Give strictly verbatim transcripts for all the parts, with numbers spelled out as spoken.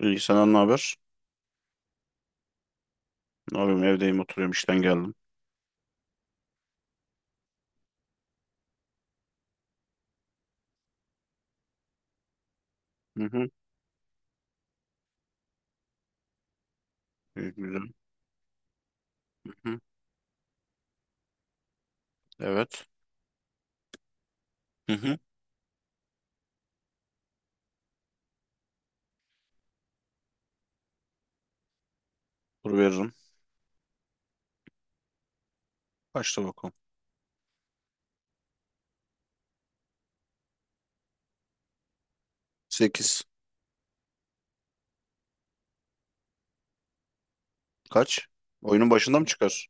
İyi, senden ne haber? Ne yapayım, evdeyim, oturuyorum, işten geldim. Hı hı. İyi, güzel. Hı hı. Evet. Hı hı. Dur veririm. Kaçta bakalım? Sekiz. Kaç? Oyunun başında mı çıkar?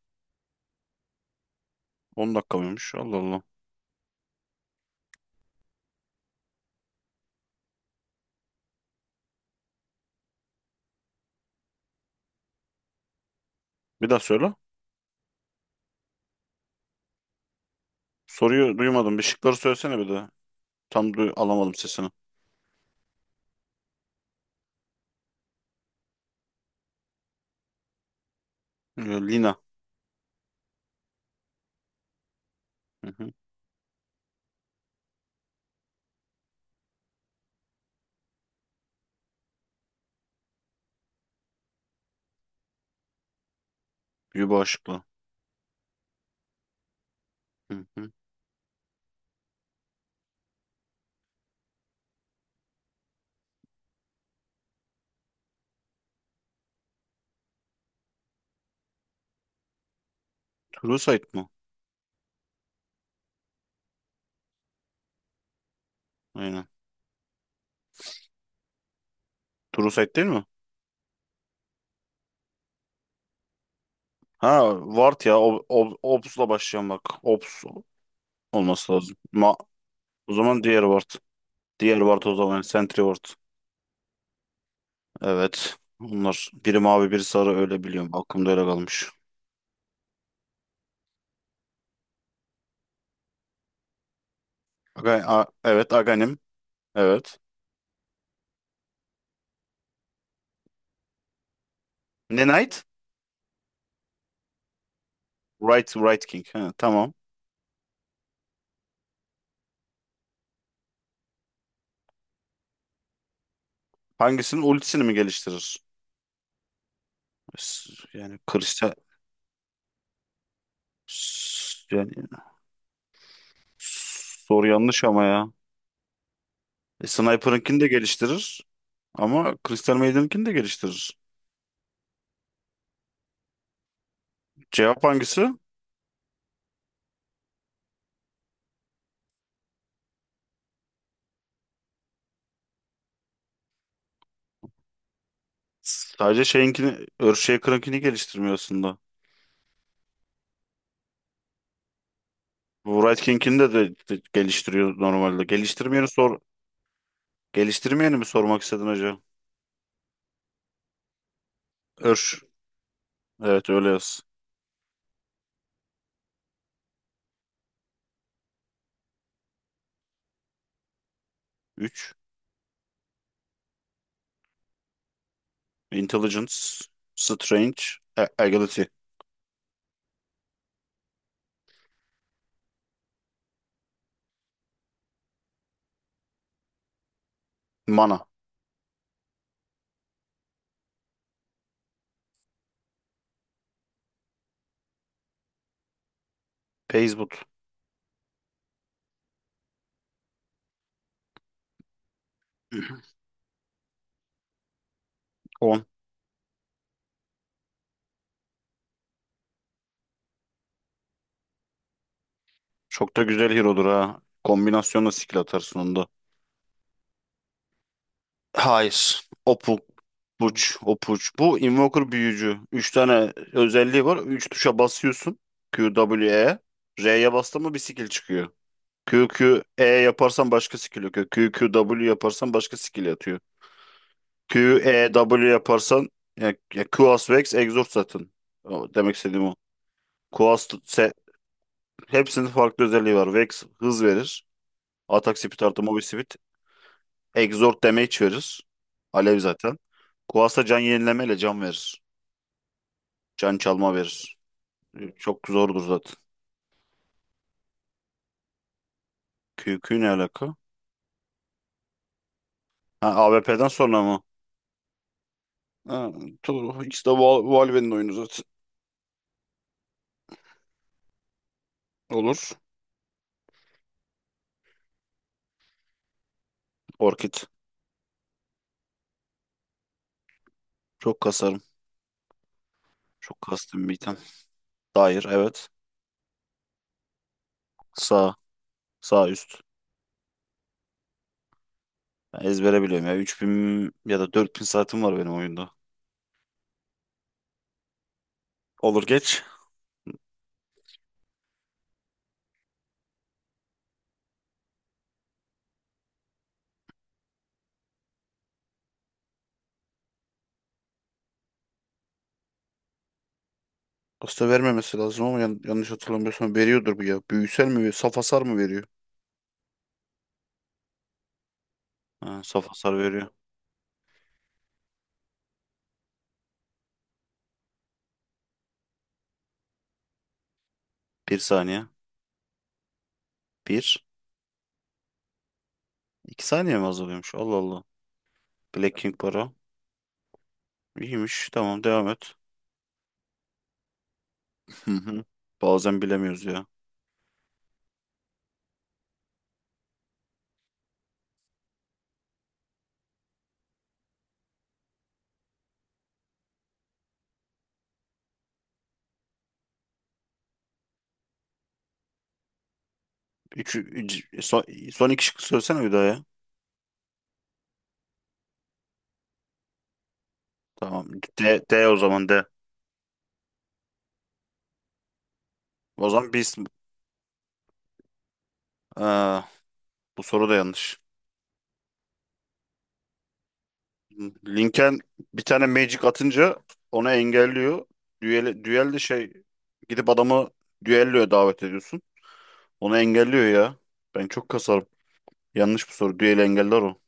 On dakika mıymış? Allah Allah. Bir daha söyle. Soruyu duymadım. Bir şıkları söylesene bir de. Tam duy- alamadım sesini. Ee, Lina. Hı hı. Yuba Aşıklı. Hı hı. True Sight mı? Aynen. True Sight değil mi? Ha, Vart ya. Ob, ob, obs'la başlayan bak. Obs olması lazım. Ma o zaman diğer Vart. Diğer ward o zaman Sentry Ward. Evet. Onlar biri mavi biri sarı, öyle biliyorum. Aklımda öyle kalmış. Aga- a- evet, Aghanim. Evet. Ne Knight? Right, Right King. Ha, tamam. Hangisinin ultisini mi geliştirir? S- Yani kristal. S- yani soru yanlış ama ya. E, Sniper'ınkini de geliştirir ama Crystal Maiden'ınkini de geliştirir. Cevap hangisi? Sadece şeyinkini, Earthshaker'ınkini geliştirmiyor aslında. Bu Wright King'ini de, de, de geliştiriyor normalde. Geliştirmeyeni sor. Geliştirmeyeni mi sormak istedin hocam? Ür. Evet, öyle yaz. Üç. Intelligence. Strange. A- Agility. Mana. Pace Boot. On. Çok da güzel hero'dur ha. Kombinasyonla skill atarsın onda. Hayır. Opal. Puç. Opuç. Bu Invoker büyücü. Üç tane özelliği var. Üç tuşa basıyorsun. Q, W, E. R'ye bastın mı bir skill çıkıyor. Q, Q, E yaparsan başka skill yok. Q, Q, W yaparsan başka skill atıyor. Q, E, W yaparsan yani, ya Quas, Vex, Exhaust zaten. O, demek istediğim o. Quas, se, hepsinin farklı özelliği var. Vex hız verir. Atak speed artı movie speed. Exhaust damage verir. Alev zaten. Quas da can yenilemeyle can verir. Can çalma verir. Çok zordur zaten. Q, Q ne alaka? Ha, A W P'den sonra mı? Ha, tu- ikisi de Val- Valve'nin oyunu zaten. Olur. Orkid. Çok kasarım. Çok kastım bir item. Dair, evet. Sağ. Sağ üst. Ben ezbere biliyorum ya. üç bin ya da dört bin saatim var benim oyunda. Olur, geç. Aslında vermemesi lazım ama yan- yanlış hatırlamıyorsam veriyordur bu ya. Büyüsel mi veriyor? Saf hasar mı veriyor? Ha, saf hasar veriyor. Bir saniye. Bir. İki saniye mi azalıyormuş? Allah Allah. Black King para. İyiymiş. Tamam, devam et. Hı hı. Bazen bilemiyoruz ya. Üç, üç- son, Son iki şıkkı söylesene bir daha ya. Tamam. D, D o zaman D. O zaman biz... Bu soru da yanlış. Lincoln bir tane magic atınca onu engelliyor. Düel, düel de şey, gidip adamı düelloya davet ediyorsun. Onu engelliyor ya. Ben çok kasarım. Yanlış bu soru. Düeli engeller o.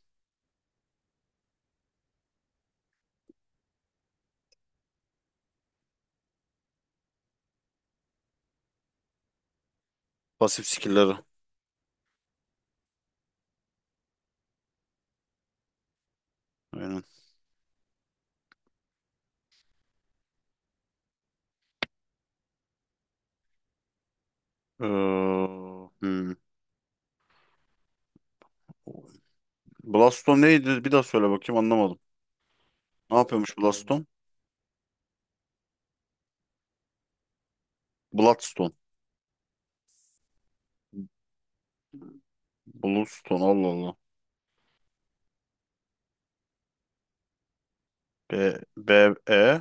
Pasif skill'leri. Aynen. Ee, hmm. Bloodstone neydi? Bir daha söyle bakayım, anlamadım. Ne yapıyormuş Bloodstone? Bloodstone. Bloodstone, Allah Allah. B, B, E.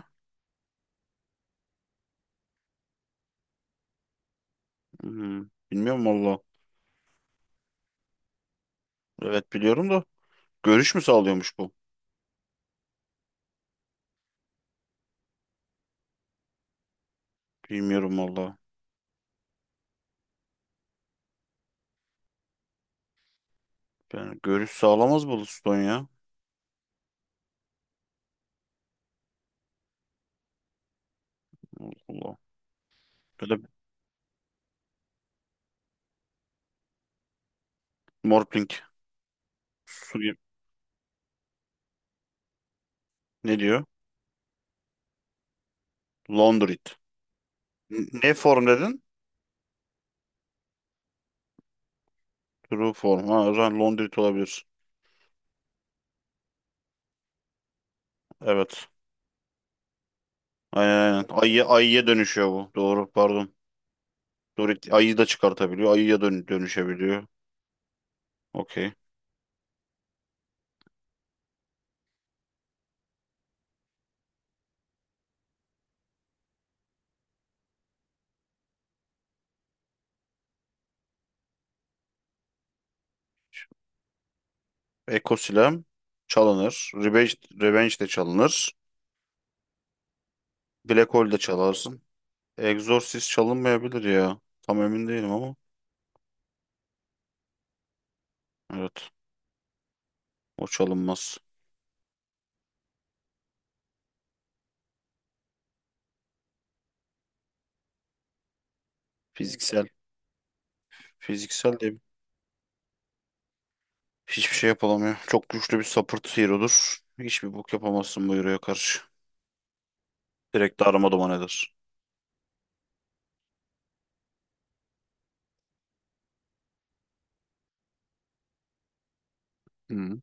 Hmm, bilmiyorum valla. Evet, biliyorum da. Görüş mü sağlıyormuş bu? Bilmiyorum valla. Yani görüş sağlamaz bu Liston ya. Allah Allah. Ya da Morphling. Su ne diyor? Laundrit. N- Ne form dedin? True form. Ha, o zaman Laundrit olabilir. Evet. Aynen aynen. Ayı, ayıya dönüşüyor bu. Doğru, pardon. Dorit ayıyı da çıkartabiliyor. Ayıya dön dönüşebiliyor. Okey. Ekosilem çalınır. Revenge, Revenge de çalınır. Black Hole de çalarsın. Exorcist çalınmayabilir ya. Tam emin değilim ama. Evet. O çalınmaz. Fiziksel. Fiziksel de Hiçbir şey yapılamıyor. Çok güçlü bir support hero'dur. Hiçbir bok yapamazsın bu hero'ya karşı. Direkt darma duman eder. Hmm.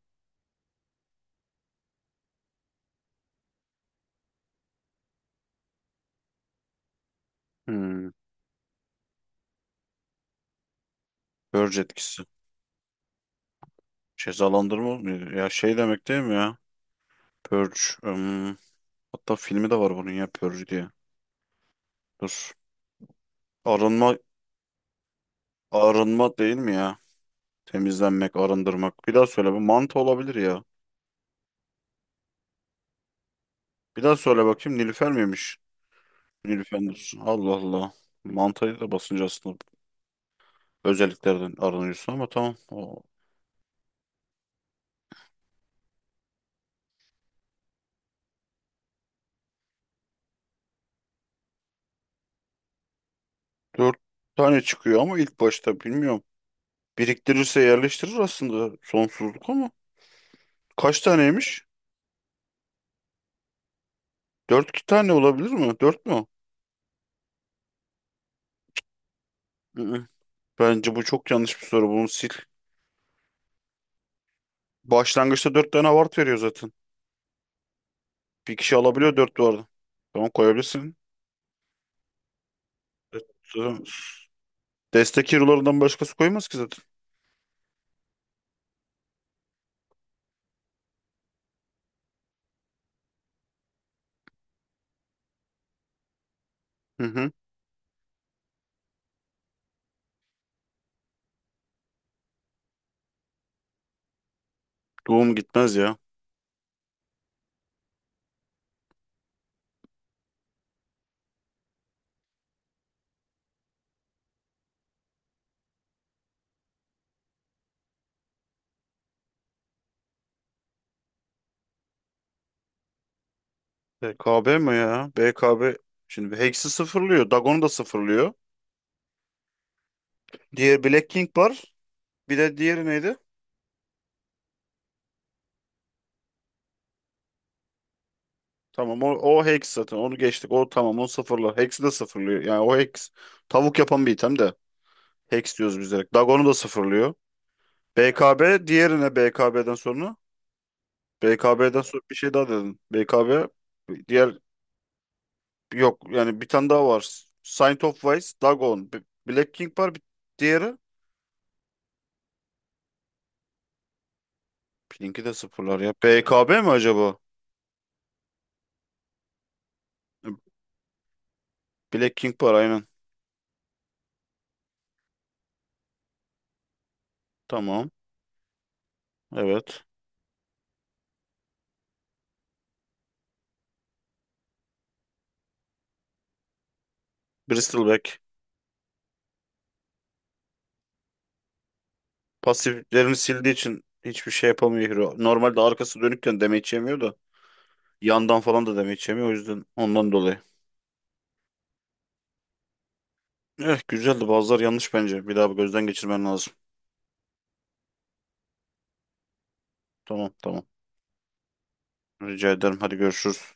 Hmm. Purge etkisi. Cezalandırma mı? Ya şey demek değil mi ya? Purge. Hmm. Hatta filmi de var bunun ya, Purge diye. Dur. Arınma, Arınma değil mi ya? Temizlenmek, arındırmak. Bir daha söyle. Bu mantı olabilir ya. Bir daha söyle bakayım. Nilüfer miymiş? Nilüfer'dir. Allah Allah. Mantayı da basınca aslında özelliklerden aranıyorsun ama tamam. O dört tane çıkıyor ama ilk başta bilmiyorum. Biriktirirse yerleştirir aslında sonsuzluk ama. Kaç taneymiş? Dört iki tane olabilir mi? Dört mü? Hı-hı. Bence bu çok yanlış bir soru. Bunu sil. Başlangıçta dört tane ward veriyor zaten. Bir kişi alabiliyor, dört vardı. Tamam, koyabilirsin. Zaten destek hero'larından başkası koymaz ki zaten. Hı-hı. Doğum gitmez ya. B K B mi ya? B K B şimdi Hex'i sıfırlıyor. Dagon'u da sıfırlıyor. Diğer Black King var. Bir de diğeri neydi? Tamam, o, o hex zaten, onu geçtik. O tamam, onu sıfırla. Hex'i de sıfırlıyor. Yani o hex tavuk yapan bir item de. Hex diyoruz biz direkt. Dagon'u da sıfırlıyor. B K B diğerine, B K B'den sonra. B K B'den sonra bir şey daha dedin. B K B diğer Yok yani, bir tane daha var. Saint of Wise, Dagon, B- Black King var bir diğeri. Pinki de sıfırlar ya. B K B mi acaba? Black King var aynen. Tamam. Evet. Bristleback. Pasiflerini sildiği için hiçbir şey yapamıyor Hero. Normalde arkası dönükken damage yemiyor da yandan falan da damage yemiyor, o yüzden ondan dolayı. Eh, güzeldi, bazıları yanlış bence. Bir daha bir gözden geçirmen lazım. Tamam tamam. Rica ederim. Hadi görüşürüz.